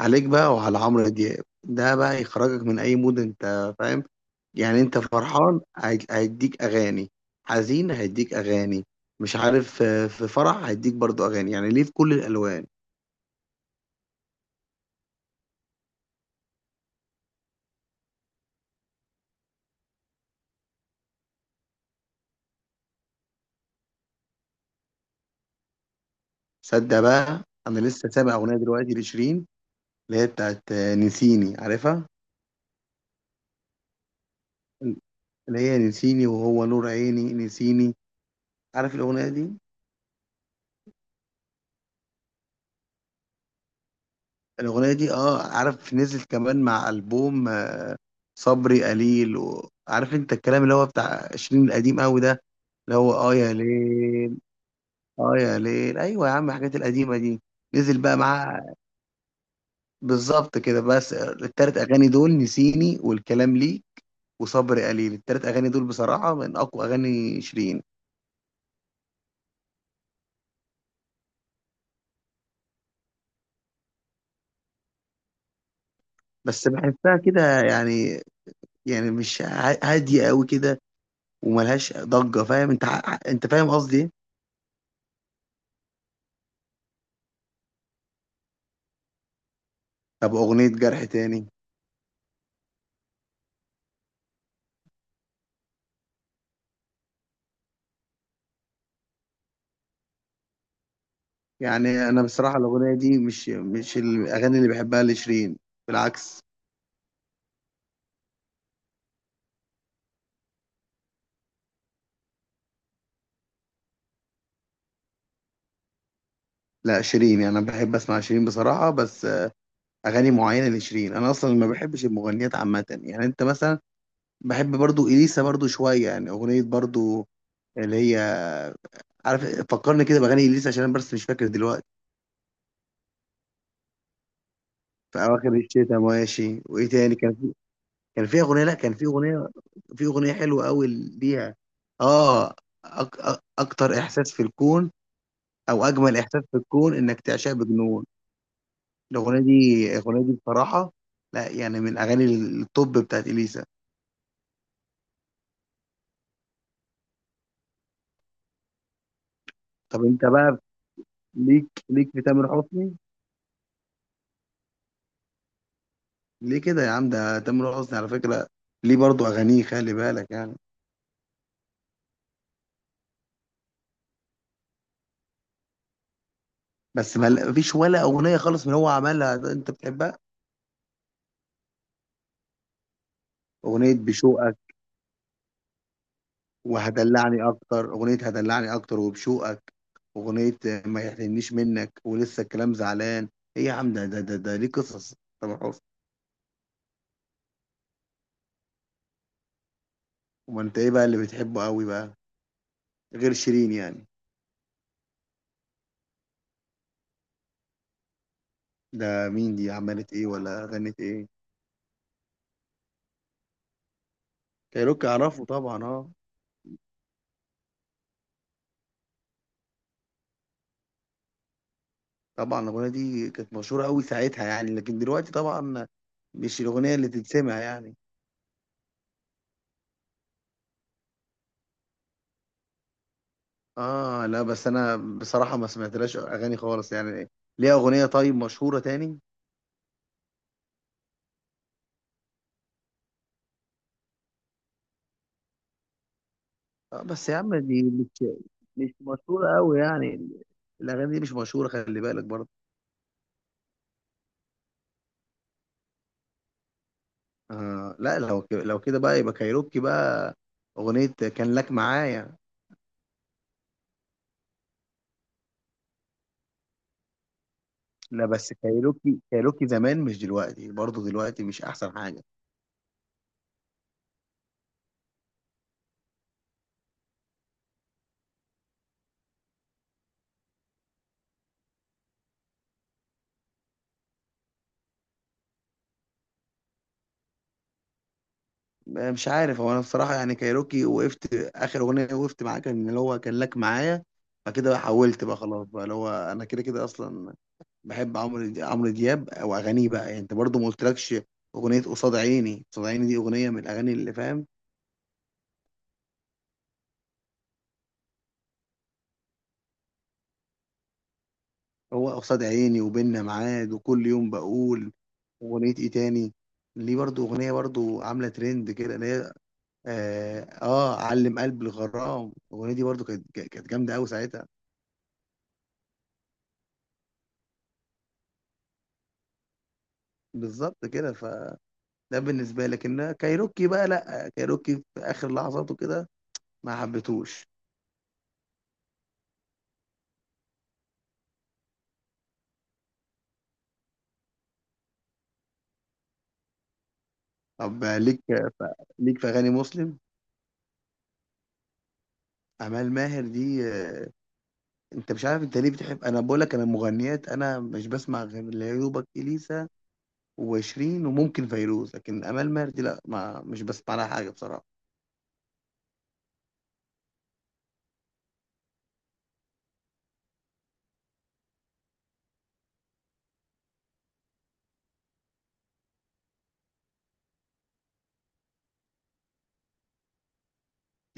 عليك بقى وعلى عمرو دياب، ده بقى يخرجك من اي مود، انت فاهم؟ يعني انت فرحان هيديك اغاني، حزين هيديك اغاني، مش عارف. في فرح هيديك برضو اغاني، يعني ليه في كل الالوان. صدق بقى، انا لسه سامع اغنيه دلوقتي لشيرين، اللي هي بتاعت نسيني، عارفها؟ اللي هي نسيني وهو نور عيني نسيني، عارف الاغنيه دي؟ الاغنيه دي اه، عارف، نزلت كمان مع البوم صبري قليل، وعارف انت الكلام اللي هو بتاع شيرين القديم قوي ده، اللي هو اه يا ليل؟ اه يا ليل، ايوه يا عم الحاجات القديمه دي، نزل بقى معاه بالظبط كده. بس التلات اغاني دول، نسيني والكلام لي وصبر قليل، التلات اغاني دول بصراحه من اقوى اغاني شيرين. بس بحسها كده، يعني، يعني مش ع- هاديه قوي كده وملهاش ضجه، فاهم انت انت فاهم قصدي إيه؟ طب اغنيه جرح تاني؟ يعني انا بصراحه الاغنيه دي مش الاغاني اللي بحبها لشيرين، بالعكس. لا شيرين يعني انا بحب اسمع شيرين بصراحه، بس اغاني معينه لشيرين. انا اصلا ما بحبش المغنيات عامه، يعني انت مثلا بحب برضو اليسا، برضو شويه، يعني اغنيه برضو اللي هي، عارف، فكرني كده باغاني اليسا، عشان انا بس مش فاكر دلوقتي. في اواخر الشتاء، ماشي، وايه تاني كان في؟ كان في اغنيه لا كان في اغنيه، في اغنيه حلوه قوي ليها، اه، اكتر احساس في الكون، او اجمل احساس في الكون انك تعشق بجنون. الاغنيه دي بصراحه، لا يعني، من اغاني التوب بتاعت اليسا. طب انت بقى، ليك في تامر حسني؟ ليه كده يا عم؟ ده تامر حسني على فكرة، ليه برضو أغانيه، خلي بالك يعني. بس ما مفيش ولا أغنية خالص من هو عملها ده أنت بتحبها؟ أغنية بشوقك وهدلعني، أكتر أغنية هدلعني أكتر وبشوقك، أغنية ما يحرمنيش منك ولسه الكلام زعلان، إيه يا عم ده؟ ده ليه قصص، تامر حسني. وما أنت إيه بقى اللي بتحبه قوي بقى غير شيرين يعني؟ ده مين دي؟ عملت إيه ولا غنت إيه؟ كايروكي أعرفه طبعا، أه. طبعا الأغنية دي كانت مشهورة أوي ساعتها يعني، لكن دلوقتي طبعا مش الأغنية اللي تتسمع يعني. آه لا، بس أنا بصراحة ما سمعتلاش أغاني خالص يعني ليها. أغنية طيب مشهورة تاني؟ آه بس يا عم دي مش مشهورة أوي يعني، الأغاني دي مش مشهورة، خلي بالك برضه. آه لا، لو كده بقى يبقى كايروكي بقى، أغنية كان لك معايا. لا بس كايروكي زمان مش دلوقتي، برضه دلوقتي مش أحسن حاجة. مش عارف، هو انا بصراحه يعني كايروكي وقفت، اخر اغنيه وقفت معاه كان اللي هو كان لك معايا، فكده بقى حولت بقى خلاص بقى، اللي هو انا كده كده اصلا بحب عمرو دياب او اغانيه بقى يعني. انت برضو ما قلتلكش، اغنيه قصاد عيني، قصاد عيني دي اغنيه من الاغاني اللي فاهم، هو قصاد عيني وبيننا ميعاد وكل يوم بقول. اغنيه ايه تاني ليه برضو، اغنيه برضو عامله ترند كده اللي هي اه, آه علم قلب الغرام، الاغنيه دي برضو كانت جامده قوي ساعتها. بالظبط كده ف، ده بالنسبة لك ان كايروكي بقى، لا كايروكي في آخر لحظاته كده ما حبيتهوش. طب ليك ف... ليك في أغاني مسلم؟ أمال ماهر دي، أنت مش عارف أنت ليه بتحب. أنا بقول لك أنا مغنيات، أنا مش بسمع غير ليوبك إليسا وشيرين وممكن فيروز، لكن أمال ماهر دي لا، ما مش بسمع لها حاجة بصراحة.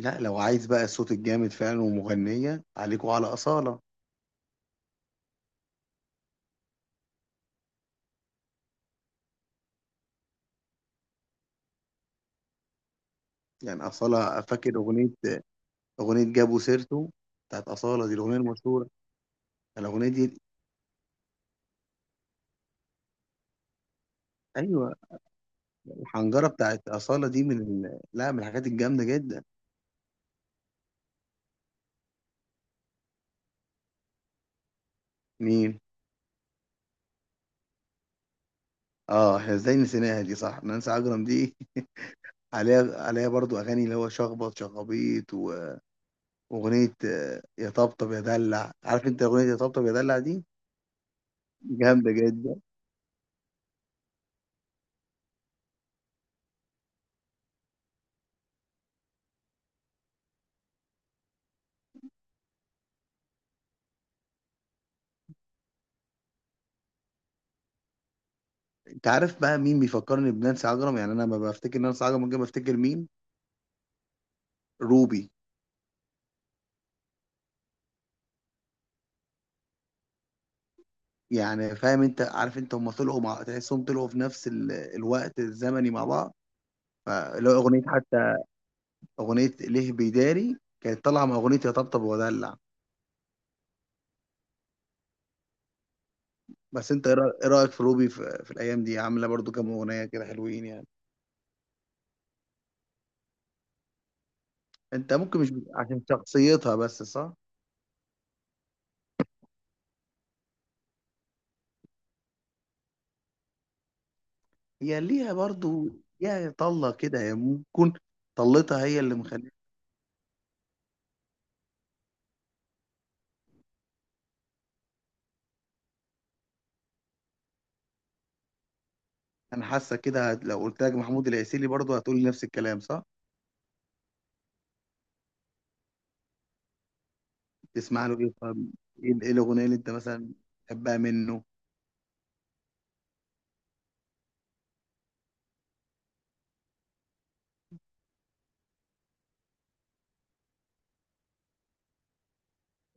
لا لو عايز بقى الصوت الجامد فعلا ومغنية، عليكوا على أصالة. يعني أصالة، فاكر أغنية؟ أغنية جابوا سيرته بتاعت أصالة دي، الأغنية المشهورة الأغنية دي. أيوه الحنجرة بتاعت أصالة دي من لا من الحاجات الجامدة جدا. مين؟ اه احنا ازاي نسيناها دي، صح، نانسي عجرم دي. عليها برضو اغاني اللي هو شخبط شخابيط، واغنيه يا طبطب يا دلع. عارف انت اغنيه يا طبطب يا دلع دي؟ جامده جدا. انت عارف بقى مين بيفكرني بنانسي عجرم؟ يعني انا ما بفتكر نانسي عجرم، ممكن بفتكر مين؟ روبي. يعني فاهم، انت عارف، انت هم طلعوا مع، تحسهم طلعوا في نفس الوقت الزمني مع بعض. فلو اغنيه حتى، اغنيه ليه بيداري كانت طالعه مع اغنيه يا طبطب ودلع. بس انت ايه إيه رايك في روبي في, في الايام دي؟ عامله برضو كام اغنيه كده حلوين يعني. انت ممكن مش عشان شخصيتها بس، صح؟ هي ليها برضو يا طله كده، هي ممكن طلتها هي اللي مخليها. انا حاسه كده لو قلت لك محمود العسيلي برضو هتقولي نفس الكلام، صح؟ تسمع له ايه طب، ايه إيه الاغنيه اللي انت مثلا بتحبها منه؟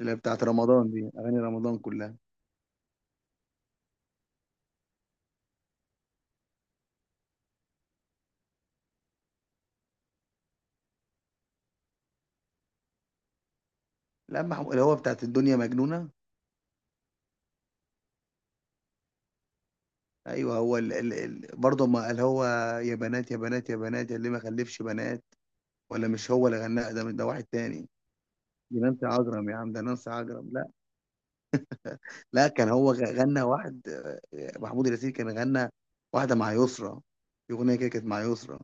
اللي هي بتاعت رمضان دي، اغاني رمضان كلها. لا محمود اللي هو بتاعت الدنيا مجنونه. ايوه هو برضه ما قال هو، يا بنات يا بنات يا بنات يا اللي ما خلفش بنات. ولا مش هو اللي غناها؟ ده واحد تاني؟ دي نانسي عجرم يا عم، ده نانسي عجرم، لا. لا كان هو غنى واحد، محمود اليسير كان غنى واحده مع يسرا، في اغنيه كده كانت مع يسرا.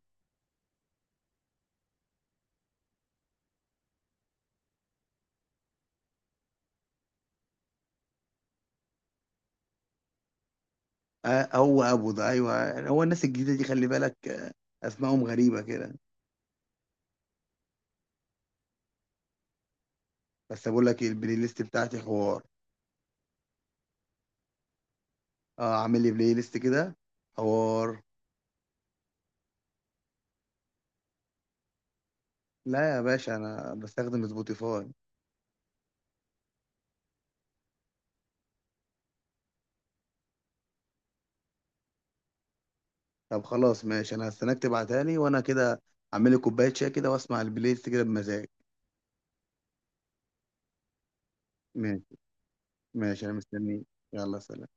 آه هو ابو ده، ايوه هو الناس الجديده دي خلي بالك، اسمائهم غريبه كده. بس بقول لك إيه، البلاي ليست بتاعتي حوار. اه عامل لي بلاي ليست كده حوار. لا يا باشا انا بستخدم سبوتيفاي. طب خلاص ماشي، انا هستناك تبعتها لي، وانا كده اعمل لي كوبايه شاي كده واسمع البلاي ليست كده بمزاج. ماشي، ماشي انا مستنيك. يلا سلام.